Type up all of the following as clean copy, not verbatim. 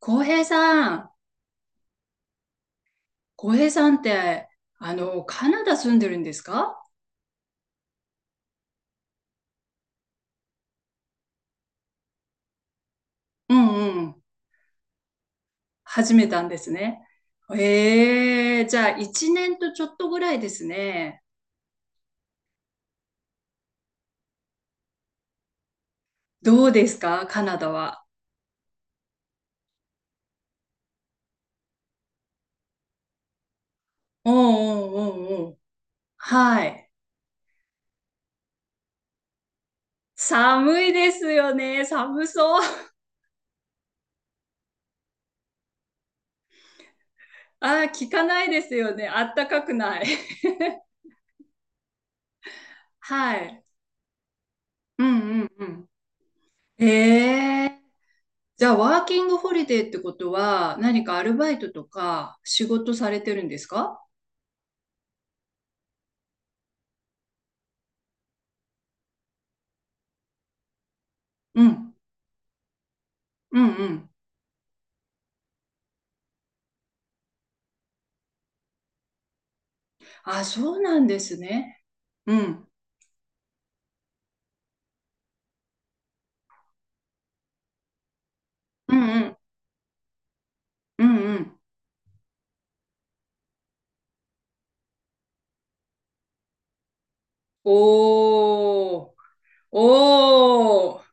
浩平さん、浩平さんって、カナダ住んでるんですか？うんうん。始めたんですね。ええ、じゃあ、一年とちょっとぐらいですね。どうですか、カナダは？うんうんうんうん。はい。寒いですよね。寒そう。ああ、聞かないですよね。あったかくない。はい。うんうんうん。ええ、じゃあ、ワーキングホリデーってことは、何かアルバイトとか仕事されてるんですか？うん。うんうん。あ、そうなんですね。うん。うんうん。うんうん。おー。おー。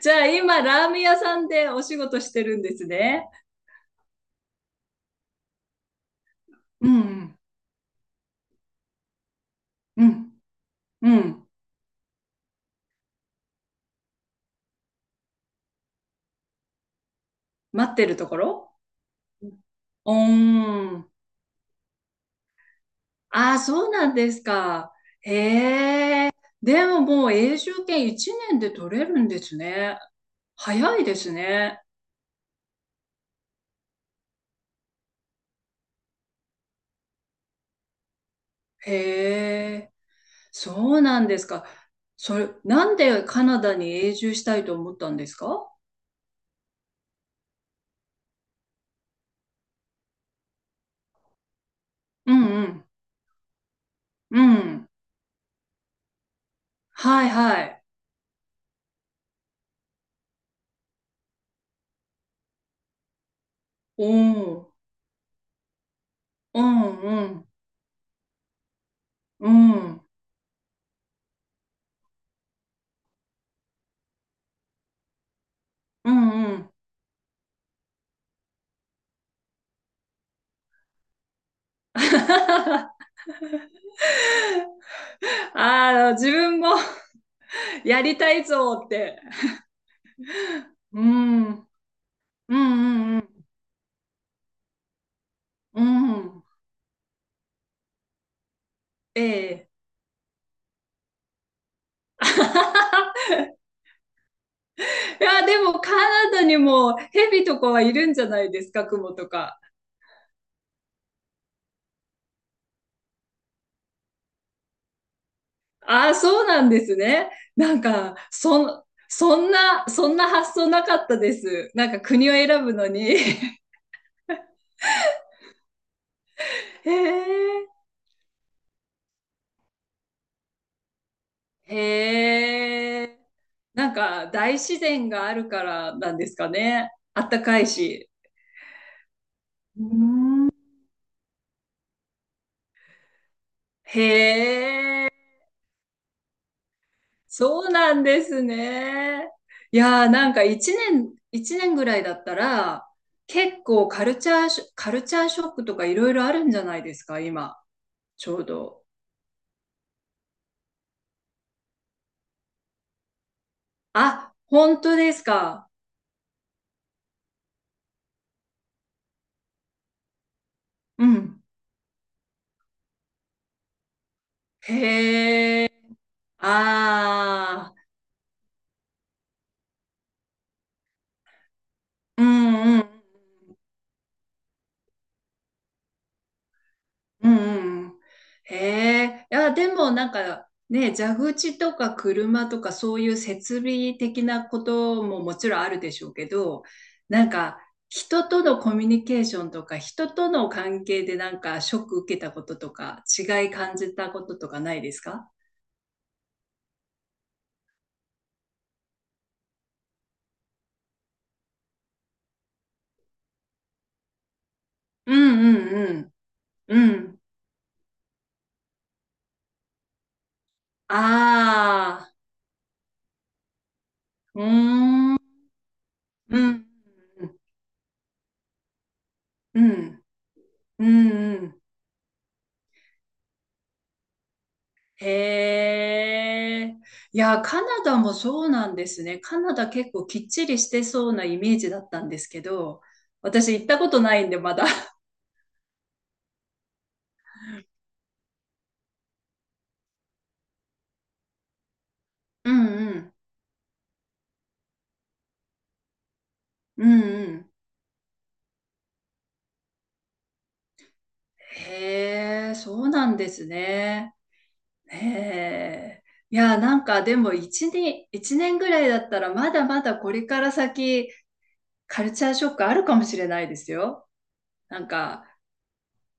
じゃあ今、ラーメン屋さんでお仕事してるんですね。うんうん。うん。うん。待ってるところ。うーん。ああ、そうなんですか。へえ。でももう永住権1年で取れるんですね。早いですね。へえ。そうなんですか。それ、なんでカナダに永住したいと思ったんですか？うんうん。うん。はいはい。おー。うんうん。うん。うんうん。ああ、自分も。 やりたいぞって。うん。うんうんうん。うん。ええ。いや、でもカナダにもヘビとかはいるんじゃないですか、クモとか。ああ、そうなんですね。なんか、そんな発想なかったです。なんか国を選ぶのに。へえ、へえ。なんか大自然があるからなんですかね。あったかいし。うーん。へえ、そうなんですね。いやー、なんか一年ぐらいだったら、結構カルチャーショックとかいろいろあるんじゃないですか、今、ちょうど。あ、本当ですか。うん。へえ。ああ。うんうん。うんうん。へえ。いや、でもなんかね、蛇口とか車とかそういう設備的なことももちろんあるでしょうけど、なんか人とのコミュニケーションとか人との関係でなんかショック受けたこととか違い感じたこととかないですか？うんうんうん。うん。ああ。うーん。うん、うん、うん、うん。へえ。いや、カナダもそうなんですね。カナダ結構きっちりしてそうなイメージだったんですけど、私行ったことないんで、まだ。うんうん。うんうん。へえ、そうなんですね。へえ。いや、なんかでも一年ぐらいだったらまだまだこれから先カルチャーショックあるかもしれないですよ。なんか、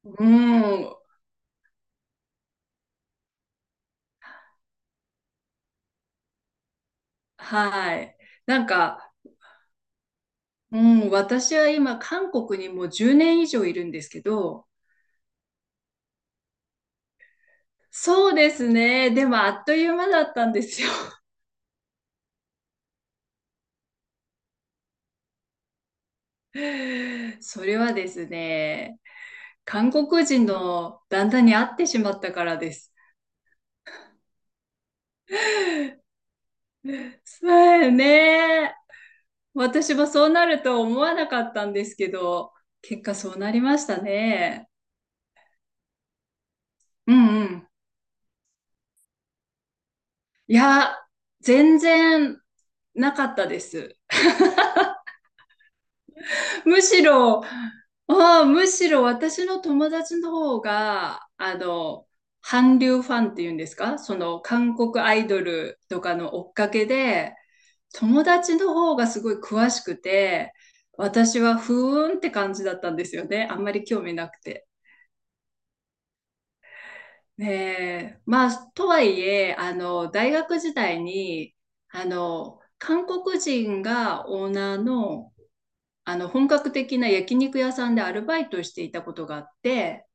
うん、はい。なんか、うん、私は今、韓国にもう10年以上いるんですけど、そうですね。でも、あっという間だったんですよ。それはですね、韓国人の旦那に会ってしまったからです。そうね。私もそうなると思わなかったんですけど、結果そうなりましたね。うんうん。いや、全然なかったです。むしろ、あむしろ私の友達の方が、韓流ファンっていうんですか、その韓国アイドルとかの追っかけで、友達の方がすごい詳しくて、私はふーんって感じだったんですよね。あんまり興味なくて。ねえ、まあ、とはいえ、大学時代に、韓国人がオーナーのあの本格的な焼肉屋さんでアルバイトしていたことがあって、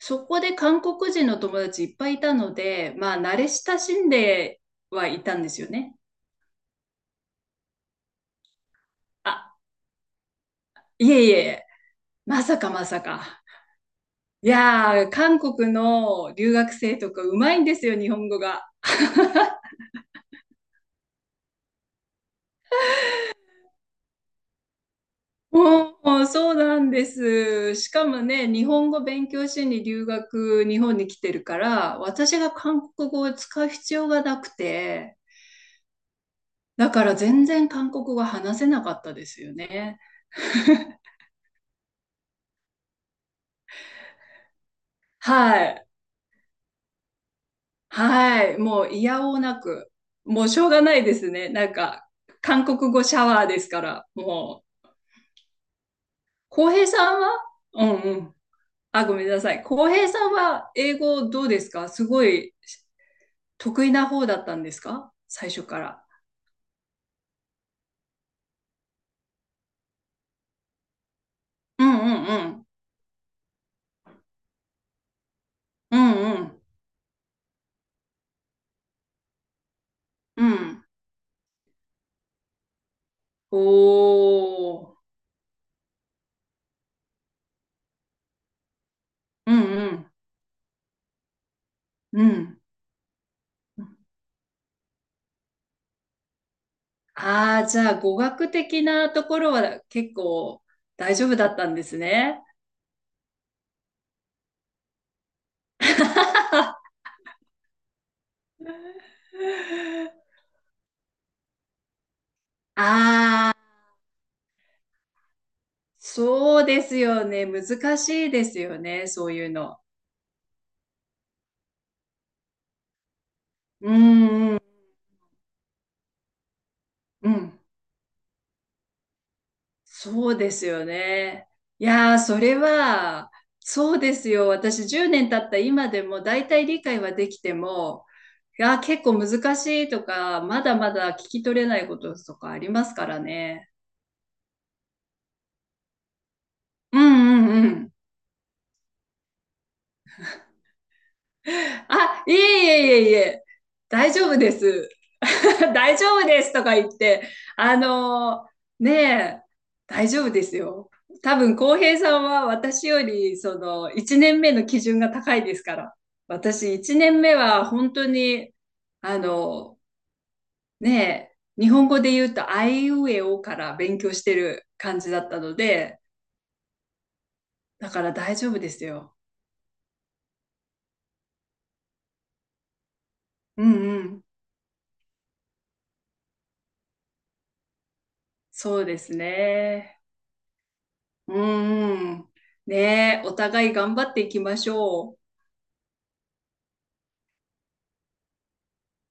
そこで韓国人の友達いっぱいいたので、まあ慣れ親しんではいたんですよね。あ、いえいえ、まさかまさか。いやー、韓国の留学生とかうまいんですよ、日本語が。おお、そうなんです。しかもね、日本語勉強しに留学、日本に来てるから、私が韓国語を使う必要がなくて、だから全然韓国語話せなかったですよね。はい。はい。もう嫌おうなく。もうしょうがないですね。なんか、韓国語シャワーですから、もう。浩平さんは。うんうん。あ、ごめんなさい。浩平さんは英語どうですか？すごい得意な方だったんですか、最初から。うんうんうん。うんうん。うん。おー。うんうん。うん。ああ、じゃあ語学的なところは結構大丈夫だったんですね。ああ、そうですよね。難しいですよね。そういうの。うんうんうん。そうですよね。いやー、それは、そうですよ。私10年経った今でも大体理解はできても、いやー、結構難しいとか、まだまだ聞き取れないこととかありますからね。うんうんうん。あ、いえいえいえいえ、大丈夫です。大丈夫ですとか言って、あのねえ、大丈夫ですよ。多分、浩平さんは私より、1年目の基準が高いですから。私、1年目は本当に、あのねえ、日本語で言うと、あいうえおから勉強してる感じだったので、だから大丈夫ですよ。うんうん、そうですね。うーん。ねえ、お互い頑張っていきましょう。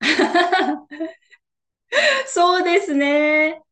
そうですね。